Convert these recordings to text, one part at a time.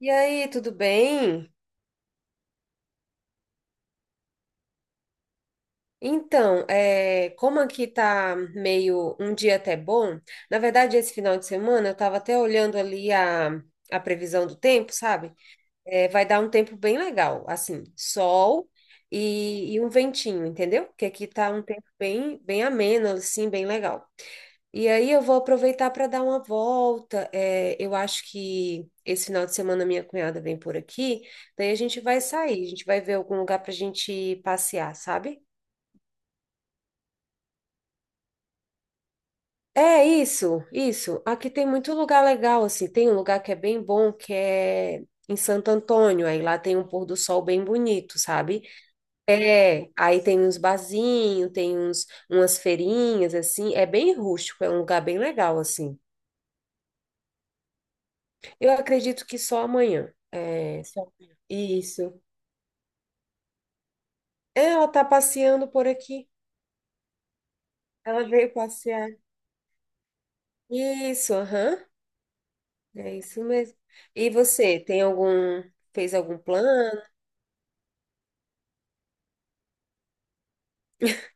E aí, tudo bem? Então, como aqui tá meio um dia até bom, na verdade, esse final de semana eu tava até olhando ali a previsão do tempo, sabe? É, vai dar um tempo bem legal, assim, sol e um ventinho, entendeu? Porque aqui tá um tempo bem, bem ameno, assim, bem legal. E aí eu vou aproveitar para dar uma volta. É, eu acho que esse final de semana minha cunhada vem por aqui, daí a gente vai sair, a gente vai ver algum lugar para a gente passear, sabe? É isso, isso. Aqui tem muito lugar legal, assim. Tem um lugar que é bem bom, que é em Santo Antônio. Aí lá tem um pôr do sol bem bonito, sabe? É, aí tem uns barzinhos, umas feirinhas, assim. É bem rústico, é um lugar bem legal, assim. Eu acredito que só amanhã. Só amanhã, isso. É, ela tá passeando por aqui. Ela veio passear. Isso, aham. É isso mesmo. E você, fez algum plano?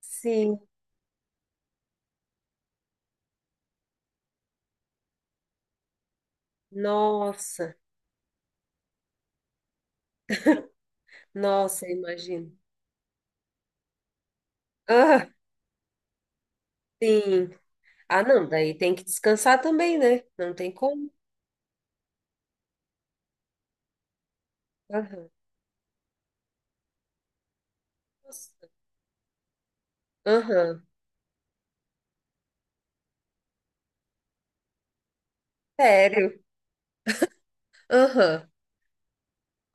Sim. Nossa, nossa, imagino. Ah, sim. Ah, não, daí tem que descansar também, né? Não tem como. Aham. Nossa. Aham. Sério. Aham.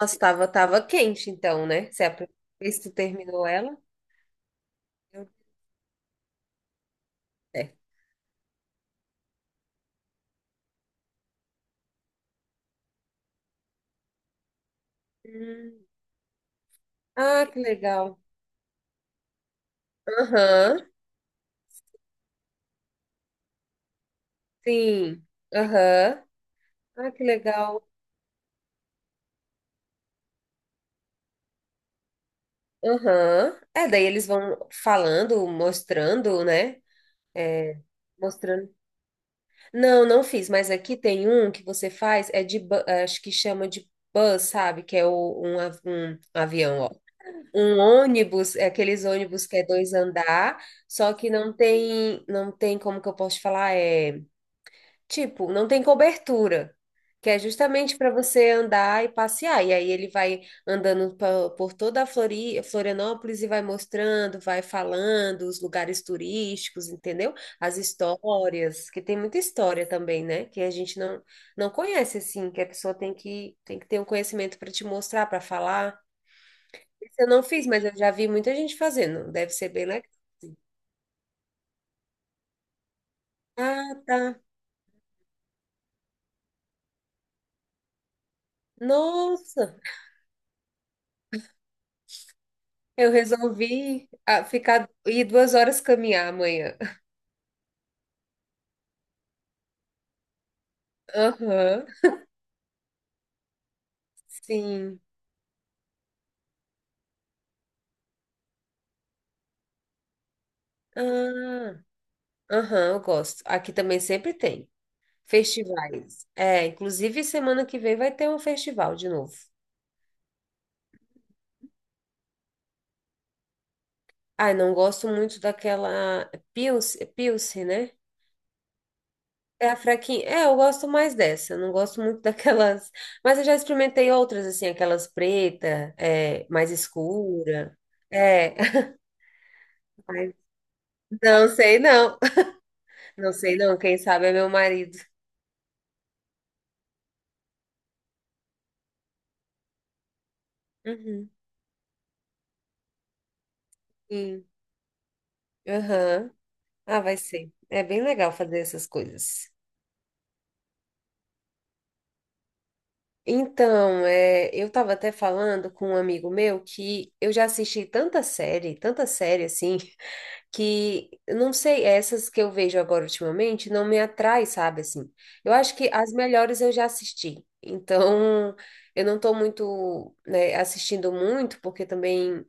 Nossa, tava quente então, né? Se a primeira vez que tu terminou ela, deu certo. Hum. Ah, que legal. Aham, sim. Aham, ah, que legal. Aham. É, daí eles vão falando, mostrando, né? É, mostrando. Não, não fiz, mas aqui tem um que você faz, acho que chama de bus, sabe? Que é um, um avião, ó. Um ônibus, é aqueles ônibus que é dois andar, só que não tem, como que eu posso te falar? Tipo, não tem cobertura, que é justamente para você andar e passear. E aí ele vai andando por toda a Florianópolis e vai mostrando, vai falando os lugares turísticos, entendeu? As histórias, que tem muita história também, né? Que a gente não conhece assim, que a pessoa tem que ter um conhecimento para te mostrar, para falar. Esse eu não fiz, mas eu já vi muita gente fazendo. Deve ser bem legal. Ah, tá. Nossa! Eu resolvi ficar ir 2 horas caminhar amanhã. Aham, sim. Ah, aham, eu gosto. Aqui também sempre tem festivais. É, inclusive semana que vem vai ter um festival de novo. Ai, não gosto muito daquela Pilce, Pilce, né? É a fraquinha. É, eu gosto mais dessa. Eu Não gosto muito daquelas. Mas eu já experimentei outras, assim, aquelas preta, mais escura. É. Mas Não sei, não. Não sei não, quem sabe é meu marido. Uhum. Sim. Aham. Ah, vai ser. É bem legal fazer essas coisas. Então, eu estava até falando com um amigo meu que eu já assisti tanta série assim, que eu não sei, essas que eu vejo agora ultimamente não me atrai, sabe assim. Eu acho que as melhores eu já assisti. Então, eu não estou muito, né, assistindo muito, porque também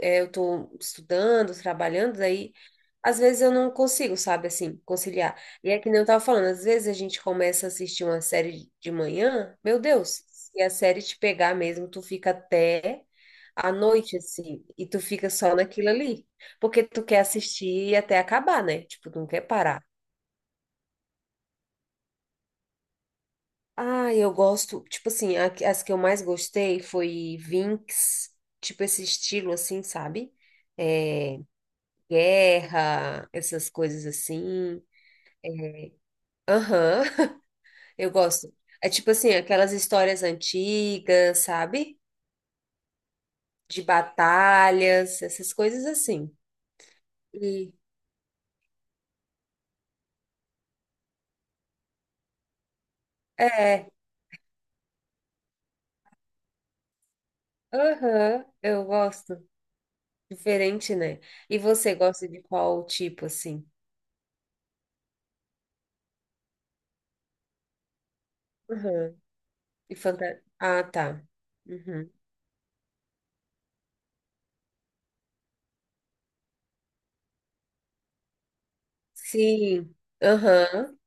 eu tô estudando, trabalhando, daí às vezes eu não consigo, sabe, assim, conciliar. E é que nem eu tava falando, às vezes a gente começa a assistir uma série de manhã, meu Deus, se a série te pegar mesmo, tu fica até à noite, assim, e tu fica só naquilo ali, porque tu quer assistir até acabar, né? Tipo, tu não quer parar. Ah, eu gosto, tipo assim, as que eu mais gostei foi Vinx, tipo esse estilo assim, sabe? É, guerra, essas coisas assim. Aham, eu gosto. É tipo assim, aquelas histórias antigas, sabe? De batalhas, essas coisas assim. E é, aham, eu gosto. Diferente, né? E você gosta de qual tipo assim? Aham. Ah, tá. Uhum. Sim. Aham.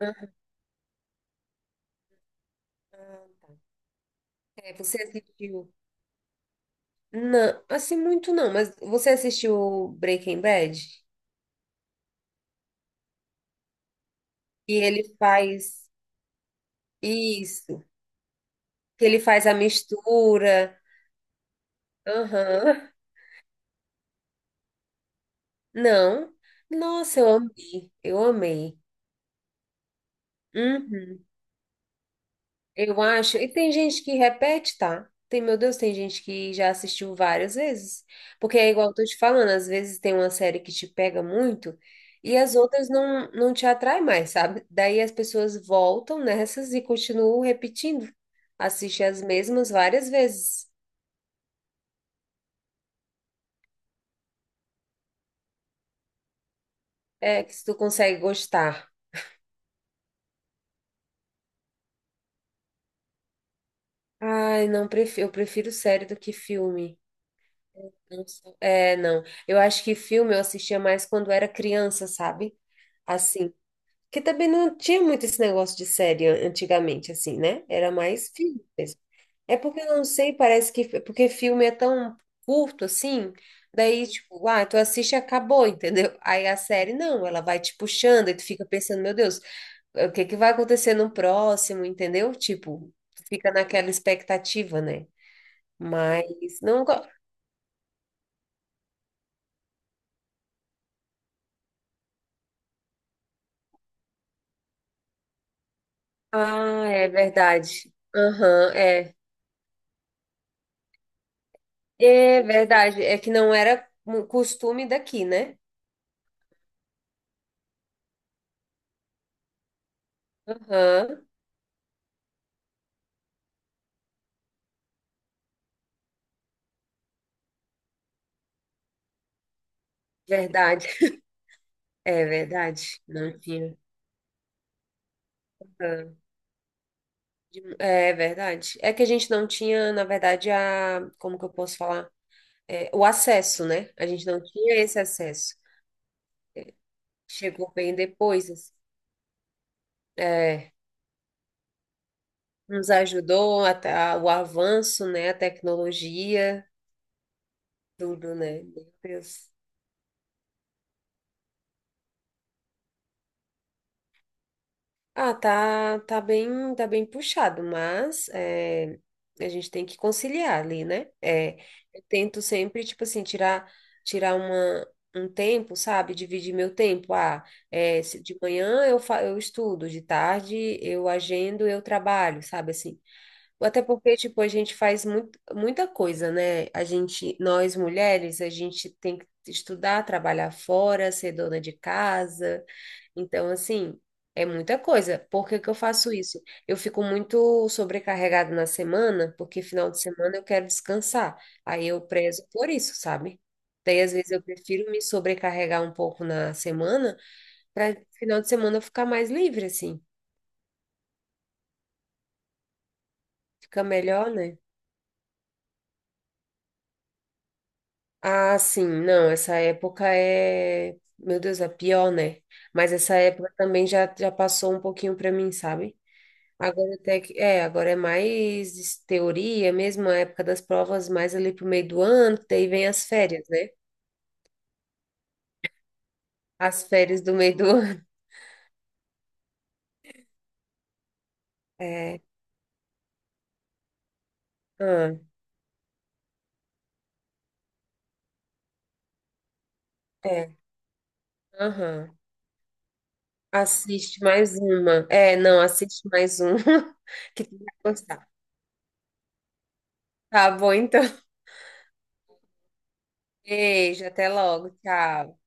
Aham. É, você assistiu? Não, assim muito não, mas você assistiu Breaking Bad? E ele faz isso, que ele faz a mistura. Aham. Não. Nossa, eu amei. Eu amei. Uhum. Eu acho. E tem gente que repete, tá? Tem, meu Deus, tem gente que já assistiu várias vezes. Porque é igual eu tô te falando, às vezes tem uma série que te pega muito e as outras não te atrai mais, sabe? Daí as pessoas voltam nessas e continuam repetindo. Assiste as mesmas várias vezes. É que se tu consegue gostar. Ai, não, eu prefiro série do que filme. É, não. Eu acho que filme eu assistia mais quando era criança, sabe? Assim. Que também não tinha muito esse negócio de série antigamente, assim, né? Era mais filme mesmo. É porque eu não sei, parece que. Porque filme é tão curto assim. Daí, tipo, tu assiste e acabou, entendeu? Aí a série, não, ela vai te puxando e tu fica pensando, meu Deus, o que que vai acontecer no próximo, entendeu? Tipo, tu fica naquela expectativa, né? Mas não. go- Ah, é verdade. Aham, é. É verdade. É que não era um costume daqui, né? Aham, verdade. É verdade. Não tinha. Aham. É verdade. É que a gente não tinha, na verdade, a. Como que eu posso falar? É, o acesso, né? A gente não tinha esse acesso. Chegou bem depois, assim. É, nos ajudou até o avanço, né? A tecnologia, tudo, né? Meu Deus. Ah, tá, tá bem puxado, mas a gente tem que conciliar ali, né? É, eu tento sempre, tipo assim, tirar um tempo, sabe? Dividir meu tempo. Ah, é, de manhã eu estudo, de tarde eu agendo, eu trabalho, sabe? Assim, até porque, tipo, a gente faz muita coisa, né? A gente, nós mulheres, a gente tem que estudar, trabalhar fora, ser dona de casa. Então, assim, é muita coisa. Por que que eu faço isso? Eu fico muito sobrecarregada na semana, porque final de semana eu quero descansar. Aí eu prezo por isso, sabe? Daí, às vezes, eu prefiro me sobrecarregar um pouco na semana, para final de semana eu ficar mais livre, assim. Fica melhor, né? Ah, sim, não, essa época é, meu Deus, é pior, né? Mas essa época também já passou um pouquinho para mim, sabe? Agora até que, agora é mais teoria mesmo, a época das provas mais ali pro meio do ano, que daí vem as férias, né? As férias do meio do ano. É, ah, é, aham. Assiste mais uma. É, não, assiste mais uma que tu vai gostar. Tá bom, então. Beijo, até logo, tchau.